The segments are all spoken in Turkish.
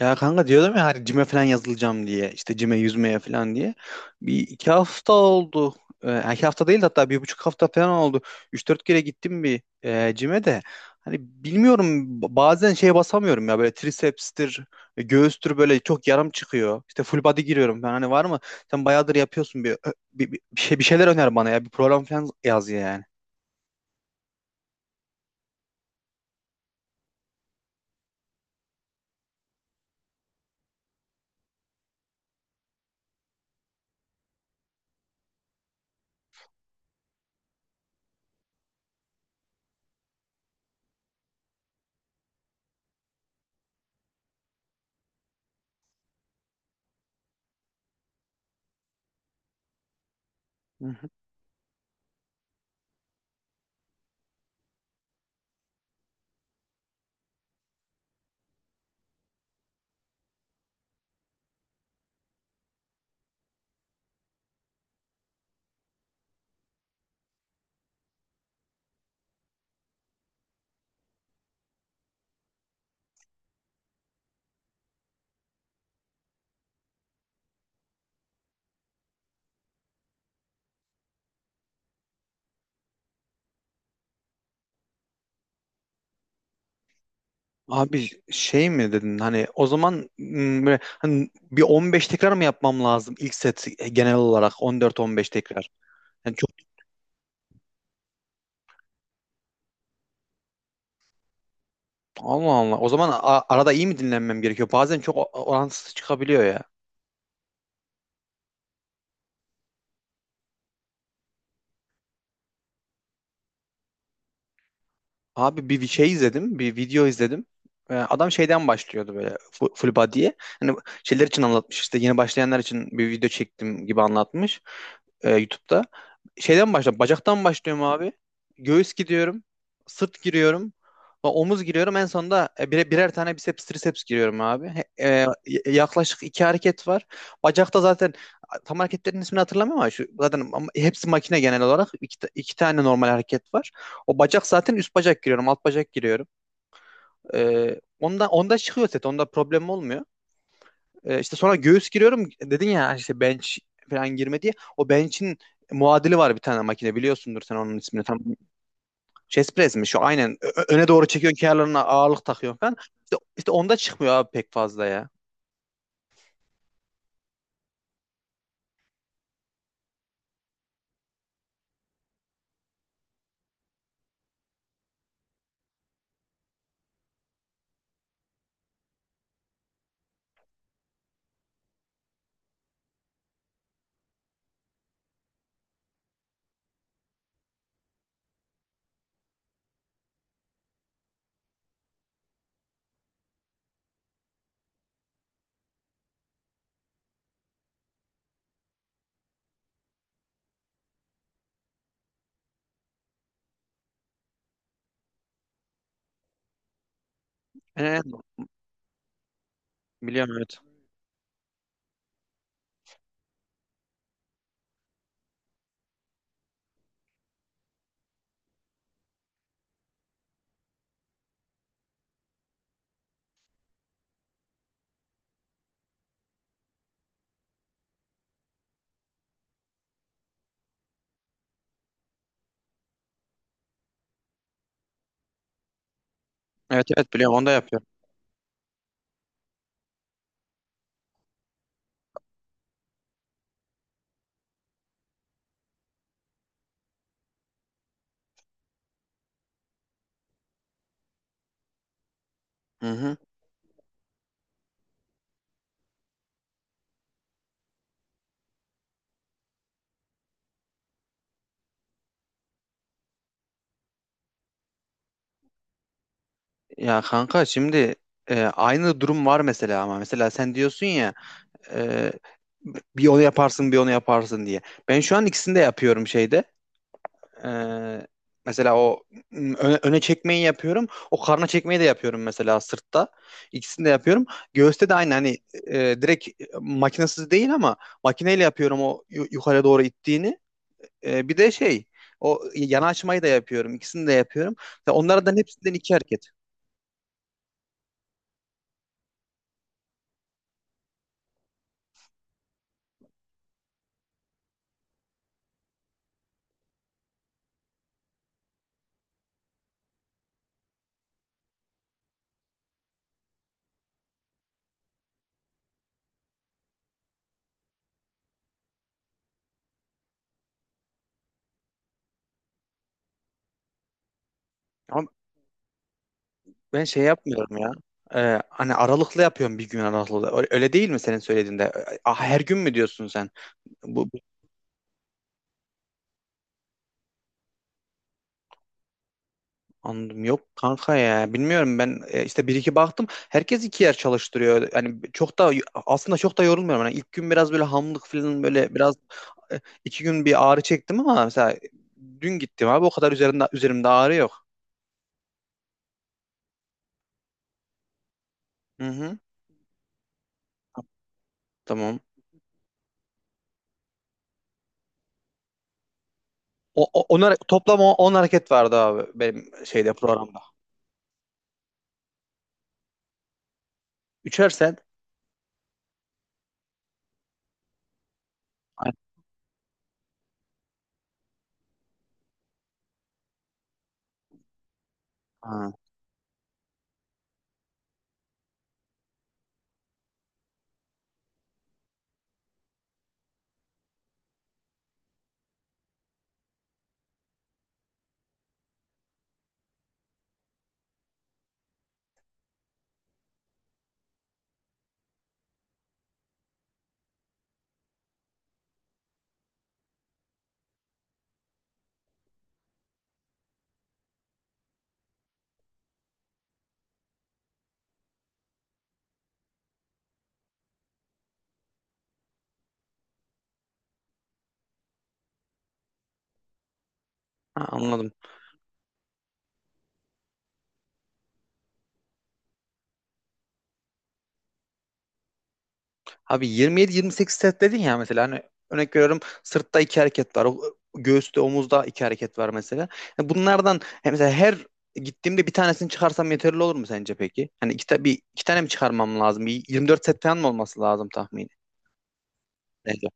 Ya kanka diyordum ya, hani cime falan yazılacağım diye, işte cime yüzmeye falan diye bir iki hafta oldu. Yani iki hafta değil de, hatta bir buçuk hafta falan oldu. Üç dört kere gittim bir cime de. Hani bilmiyorum, bazen şeye basamıyorum ya, böyle triceps'tir, göğüstür, böyle çok yarım çıkıyor. İşte full body giriyorum ben, hani var mı? Sen bayağıdır yapıyorsun, bir şeyler öner bana ya, bir program falan yaz yani. Abi şey mi dedin, hani o zaman böyle, hani bir 15 tekrar mı yapmam lazım ilk set, genel olarak 14-15 tekrar? Yani çok. Allah Allah. O zaman arada iyi mi dinlenmem gerekiyor? Bazen çok orantısız çıkabiliyor ya. Abi bir şey izledim, bir video izledim. Adam şeyden başlıyordu, böyle full body'ye. Hani şeyler için anlatmış, işte yeni başlayanlar için bir video çektim gibi anlatmış YouTube'da. Şeyden başla, bacaktan başlıyorum abi. Göğüs gidiyorum, sırt giriyorum, omuz giriyorum. En sonunda birer tane biceps, triceps giriyorum abi. Yaklaşık iki hareket var. Bacakta zaten, tam hareketlerin ismini hatırlamıyorum ama şu zaten, ama hepsi makine genel olarak. İki tane normal hareket var. O bacak zaten, üst bacak giriyorum, alt bacak giriyorum. Onda çıkıyor set, onda problem olmuyor. İşte sonra göğüs giriyorum. Dedin ya işte, bench falan girme diye. O bench'in muadili var bir tane makine, biliyorsundur sen onun ismini tam. Chest press mi şu? Aynen. Öne doğru çekiyorsun, kenarlarına ağırlık takıyorsun falan. İşte onda çıkmıyor abi pek fazla ya. Ee, Biliyorum evet. Evet evet, biliyorum, onda yapıyorum. Hı hı. Ya kanka şimdi aynı durum var mesela, ama mesela sen diyorsun ya, Ee, bir onu yaparsın bir onu yaparsın diye. Ben şu an ikisini de yapıyorum şeyde. Ee, Mesela o öne çekmeyi yapıyorum. O karna çekmeyi de yapıyorum mesela, sırtta. İkisini de yapıyorum. Göğüste de aynı, hani direkt, makinesiz değil ama makineyle yapıyorum o yukarı doğru ittiğini. Bir de şey, o yana açmayı da yapıyorum. İkisini de yapıyorum. Ve onlardan hepsinden iki hareket. Ben şey yapmıyorum ya. Hani aralıklı yapıyorum, bir gün aralıklı. Öyle öyle değil mi senin söylediğinde? Ah, her gün mü diyorsun sen? Bu bu- Anladım, yok kanka ya. Bilmiyorum ben, işte bir iki baktım. Herkes iki yer çalıştırıyor. Yani çok da, aslında çok da yorulmuyorum. Hani ilk gün biraz böyle hamlık falan, böyle biraz iki gün bir ağrı çektim, ama mesela dün gittim abi, o kadar üzerimde ağrı yok. Hı hı. Tamam. Toplam 10 hareket vardı abi, benim şeyde, programda. Üçer sen. Ha, ha, anladım. Abi 27-28 set dedin ya, mesela hani örnek veriyorum, sırtta iki hareket var, göğüste, omuzda iki hareket var mesela. Yani bunlardan, yani mesela her gittiğimde bir tanesini çıkarsam yeterli olur mu sence peki? Hani iki tane mi çıkarmam lazım? Bir 24 set falan mı olması lazım tahmini? Neyse.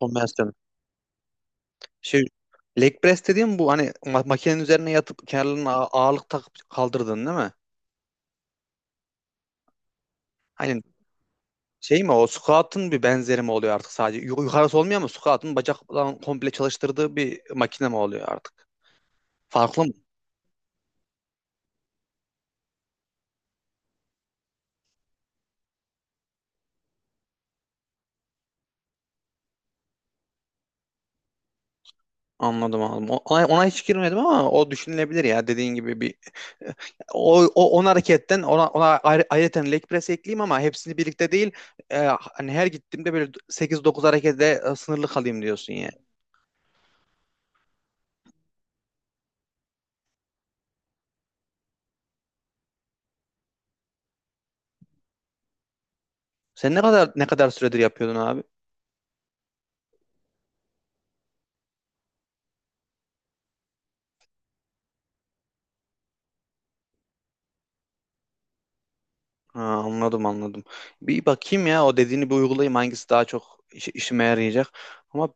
Kombinasyon. Şey, leg press dediğim bu, hani makinenin üzerine yatıp kenarlarına ağırlık takıp kaldırdın değil mi? Hani şey mi o, squat'ın bir benzeri mi oluyor artık sadece? Yukarısı olmuyor mu? Squat'ın bacaktan komple çalıştırdığı bir makine mi oluyor artık? Farklı mı? Anladım anladım. Ona hiç girmedim, ama o düşünülebilir ya, dediğin gibi bir o, o on hareketten ayrıca leg press ekleyeyim, ama hepsini birlikte değil. Hani her gittiğimde böyle sekiz dokuz harekete sınırlı kalayım diyorsun ya. Sen ne kadar süredir yapıyordun abi? Ha, anladım anladım. Bir bakayım ya o dediğini, bir uygulayayım hangisi daha çok işime yarayacak. Ama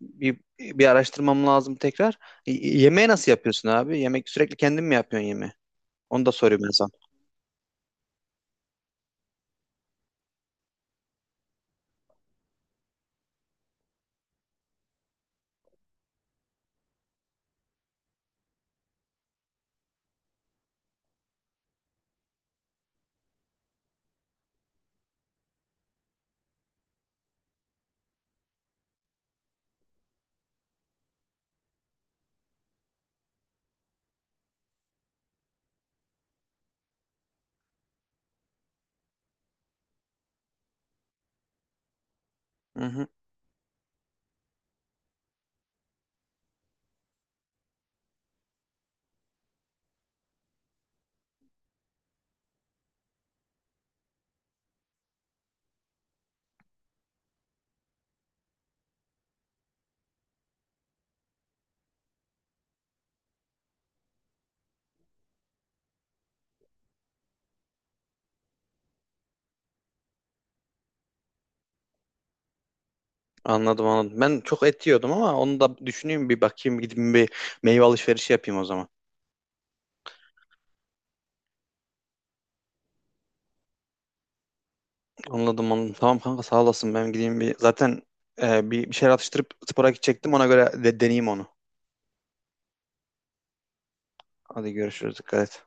bir araştırmam lazım tekrar. Yemeği nasıl yapıyorsun abi? Yemek sürekli kendin mi yapıyorsun yemeği? Onu da sorayım ben sana. Hı hı. Anladım anladım. Ben çok et yiyordum, ama onu da düşüneyim, bir bakayım, gideyim bir meyve alışverişi yapayım o zaman. Anladım anladım. Tamam kanka, sağ olasın. Ben gideyim bir zaten, bir şeyler atıştırıp spora gidecektim, ona göre de deneyeyim onu. Hadi görüşürüz, dikkat et.